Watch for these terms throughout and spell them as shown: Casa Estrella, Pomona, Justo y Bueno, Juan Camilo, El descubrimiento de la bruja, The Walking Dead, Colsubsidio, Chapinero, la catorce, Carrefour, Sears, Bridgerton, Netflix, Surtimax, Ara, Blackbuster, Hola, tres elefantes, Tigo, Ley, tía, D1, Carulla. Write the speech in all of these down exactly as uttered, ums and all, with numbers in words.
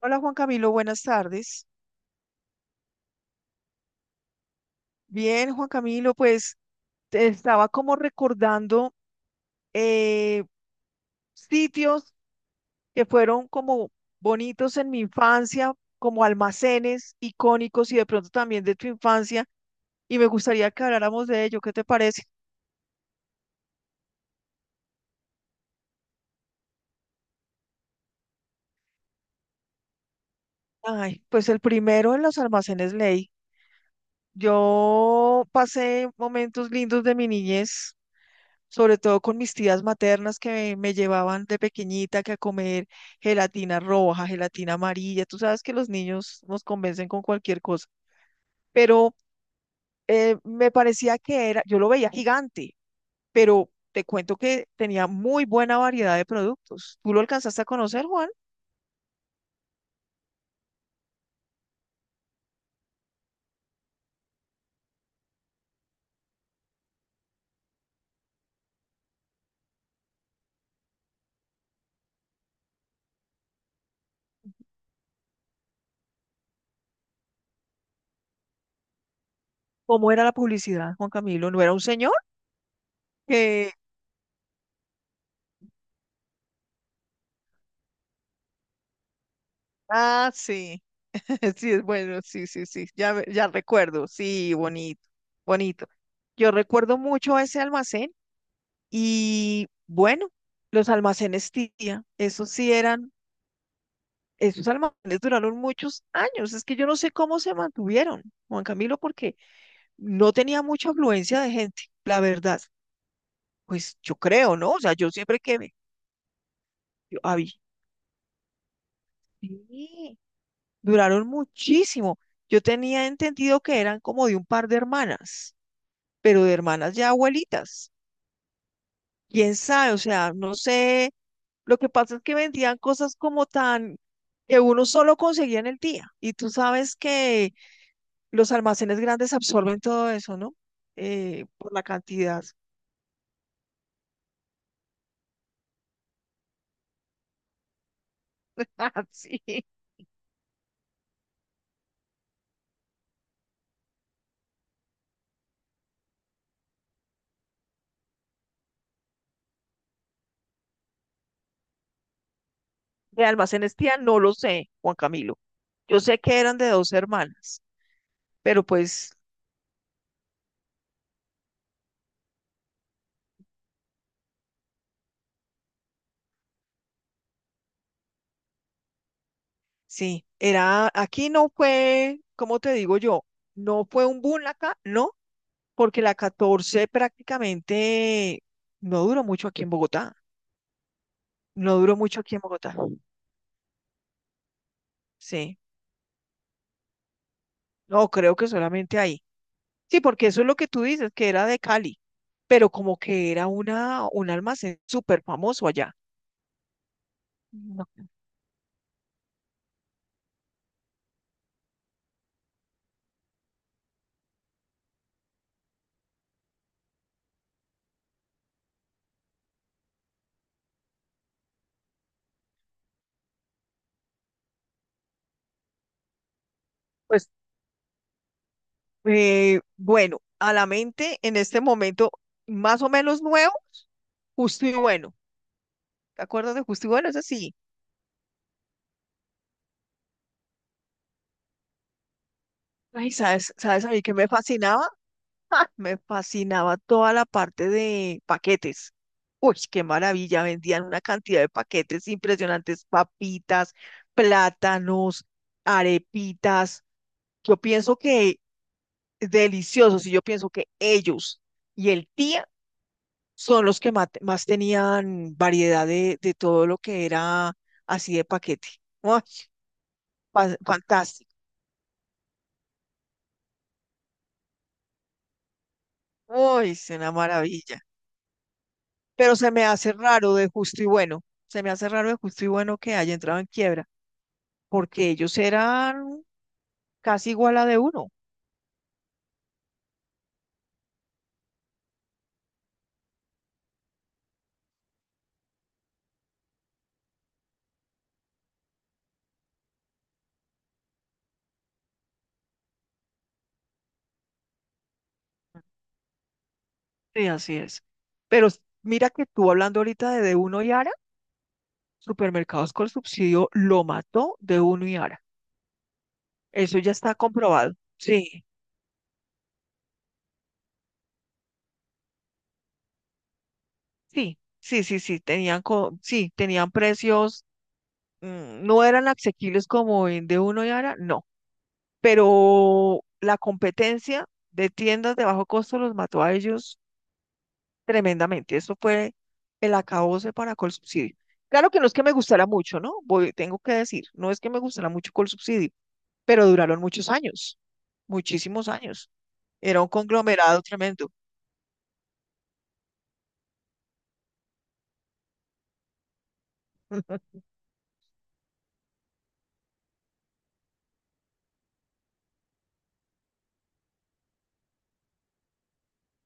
Hola Juan Camilo, buenas tardes. Bien, Juan Camilo, pues te estaba como recordando, eh, sitios que fueron como bonitos en mi infancia, como almacenes icónicos y de pronto también de tu infancia, y me gustaría que habláramos de ello. ¿Qué te parece? Ay, pues el primero en los almacenes Ley. Yo pasé momentos lindos de mi niñez sobre todo con mis tías maternas que me me llevaban de pequeñita que a comer gelatina roja, gelatina amarilla. Tú sabes que los niños nos convencen con cualquier cosa, pero eh, me parecía que era, yo lo veía gigante, pero te cuento que tenía muy buena variedad de productos. ¿Tú lo alcanzaste a conocer, Juan? ¿Cómo era la publicidad, Juan Camilo? ¿No era un señor? Que, ah, sí, sí, es bueno, sí, sí, sí, ya, ve- ya recuerdo, sí, bonito, bonito. Yo recuerdo mucho ese almacén. Y bueno, los almacenes tía, esos sí eran, esos almacenes duraron muchos años. Es que yo no sé cómo se mantuvieron, Juan Camilo, porque no tenía mucha afluencia de gente, la verdad. Pues yo creo, ¿no? O sea, yo siempre que me, yo, había, sí, duraron muchísimo. Yo tenía entendido que eran como de un par de hermanas, pero de hermanas ya abuelitas. Quién sabe, o sea, no sé. Lo que pasa es que vendían cosas como tan que uno solo conseguía en el día. Y tú sabes que los almacenes grandes absorben todo eso, ¿no? Eh, por la cantidad. Sí. De almacenes tía, no lo sé, Juan Camilo. Yo sé que eran de dos hermanas, pero pues sí, era, aquí no fue, como te digo yo? No fue un boom acá, no, porque la catorce prácticamente no duró mucho aquí en Bogotá. No duró mucho aquí en Bogotá. Sí. No, creo que solamente ahí. Sí, porque eso es lo que tú dices, que era de Cali, pero como que era una, un almacén súper famoso allá. No. Pues eh, bueno, a la mente en este momento, más o menos nuevo, Justo y Bueno. ¿Te acuerdas de Justo y Bueno? Ese sí. Ay, ¿sabes, sabes a mí que me fascinaba? Me fascinaba toda la parte de paquetes. Uy, qué maravilla, vendían una cantidad de paquetes impresionantes, papitas, plátanos, arepitas. Yo pienso que deliciosos y yo pienso que ellos y el tía son los que mate- más, tenían variedad de, de todo lo que era así de paquete. Uy, fa- fantástico. Uy, es una maravilla. Pero se me hace raro de justo y bueno, se me hace raro de justo y bueno que haya entrado en quiebra, porque ellos eran casi igual a d uno. Sí, así es. Pero s- mira que tú hablando ahorita de d uno y Ara, Supermercados con Subsidio lo mató d uno y Ara. Eso ya está comprobado. Sí, sí, sí, sí, sí, tenían, co- sí, tenían precios, mm, no eran asequibles como en D uno y Ara, no, pero la competencia de tiendas de bajo costo los mató a ellos tremendamente. Eso fue el acabose para Colsubsidio. Claro que no es que me gustara mucho, ¿no? Voy, tengo que decir, no es que me gustara mucho Colsubsidio, pero duraron muchos años, muchísimos años. Era un conglomerado tremendo.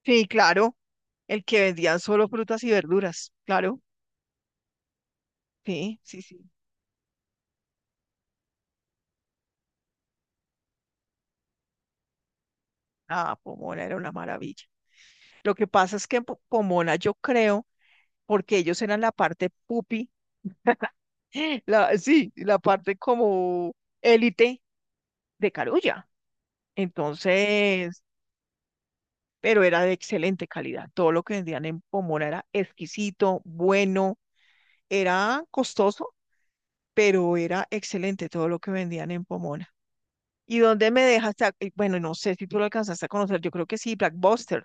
Sí, claro, el que vendían solo frutas y verduras, claro. Sí, sí, sí. Ah, Pomona era una maravilla. Lo que pasa es que en Po- Pomona yo creo, porque ellos eran la parte pupi, la, sí, la parte como élite de Carulla. Entonces, pero era de excelente calidad. Todo lo que vendían en Pomona era exquisito, bueno, era costoso, pero era excelente todo lo que vendían en Pomona. ¿Y dónde me dejaste? a- eh, Bueno, no sé si tú lo alcanzaste a conocer, yo creo que sí, Blackbuster.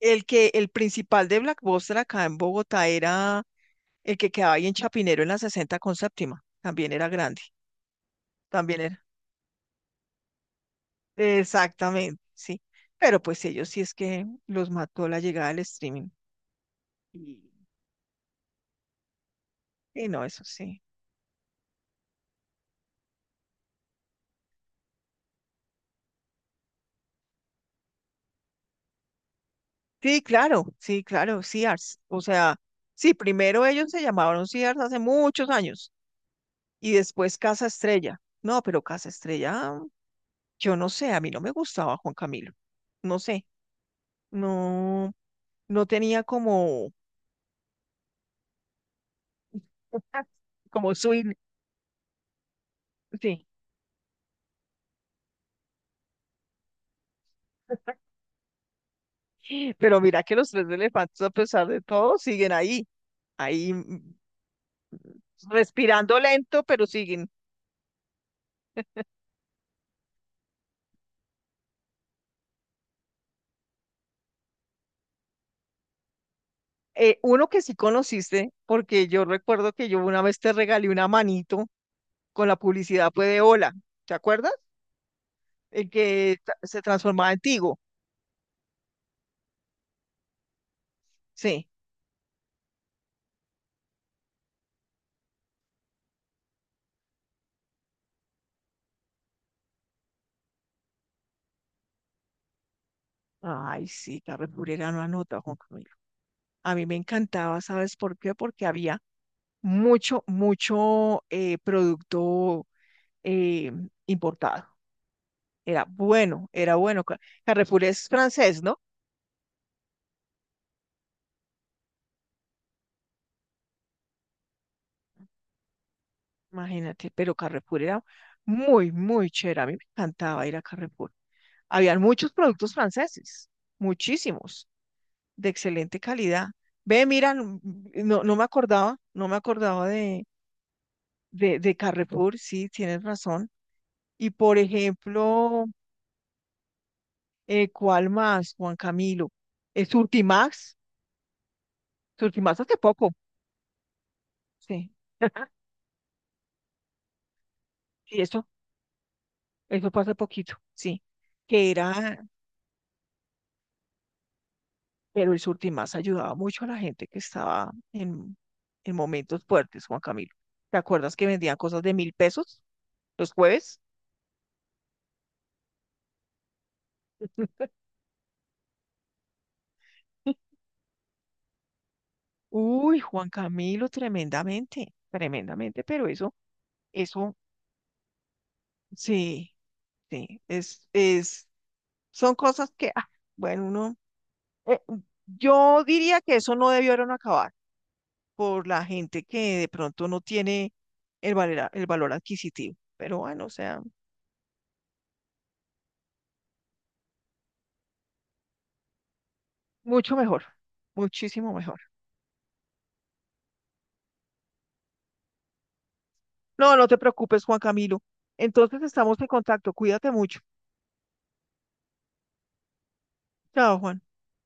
El que, el principal de Blackbuster acá en Bogotá era el que quedaba ahí en Chapinero en la sesenta con séptima. También era grande, también era. Exactamente, sí. Pero pues ellos sí es que los mató la llegada del streaming. Y sí, no, eso sí. Sí, claro, sí, claro, Sears. O sea, sí, primero ellos se llamaron Sears hace muchos años y después Casa Estrella. No, pero Casa Estrella, yo no sé, a mí no me gustaba Juan Camilo. No sé, no, no tenía como, como su... in- sí, pero mira que los tres elefantes, a pesar de todo, siguen ahí, ahí mm, respirando lento, pero siguen. Eh, uno que sí conociste, porque yo recuerdo que yo una vez te regalé una manito con la publicidad pues, de Hola, ¿te acuerdas? El que tra- se transformaba en Tigo. Sí. Ay, sí, Carlos Burera no anota, Juan Camilo. A mí me encantaba, ¿sabes por qué? Porque había mucho, mucho, eh, producto, eh, importado. Era bueno, era bueno. Ca- Carrefour es francés, ¿no? Imagínate, pero Carrefour era muy, muy chévere. A mí me encantaba ir a Carrefour. Habían muchos productos franceses, muchísimos, de excelente calidad. Ve, mira, no, no no me acordaba, no me acordaba de, de, de Carrefour, sí, tienes razón. Y por ejemplo, eh, ¿cuál más, Juan Camilo? Eh, Surtimax, Surtimax hace poco, sí, sí, eso, eso fue hace poquito, sí, que era, pero el Surtimax ayudaba mucho a la gente que estaba en, en momentos fuertes, Juan Camilo. ¿Te acuerdas que vendían cosas de mil pesos los jueves? Uy, Juan Camilo, tremendamente, tremendamente, pero eso, eso, sí, sí, es, es, son cosas que, ah, bueno, uno, eh, yo diría que eso no debieron acabar por la gente que de pronto no tiene el valor, el valor adquisitivo, pero bueno, o sea, mucho mejor, muchísimo mejor. No, no te preocupes, Juan Camilo. Entonces estamos en contacto, cuídate mucho. Chao, Juan.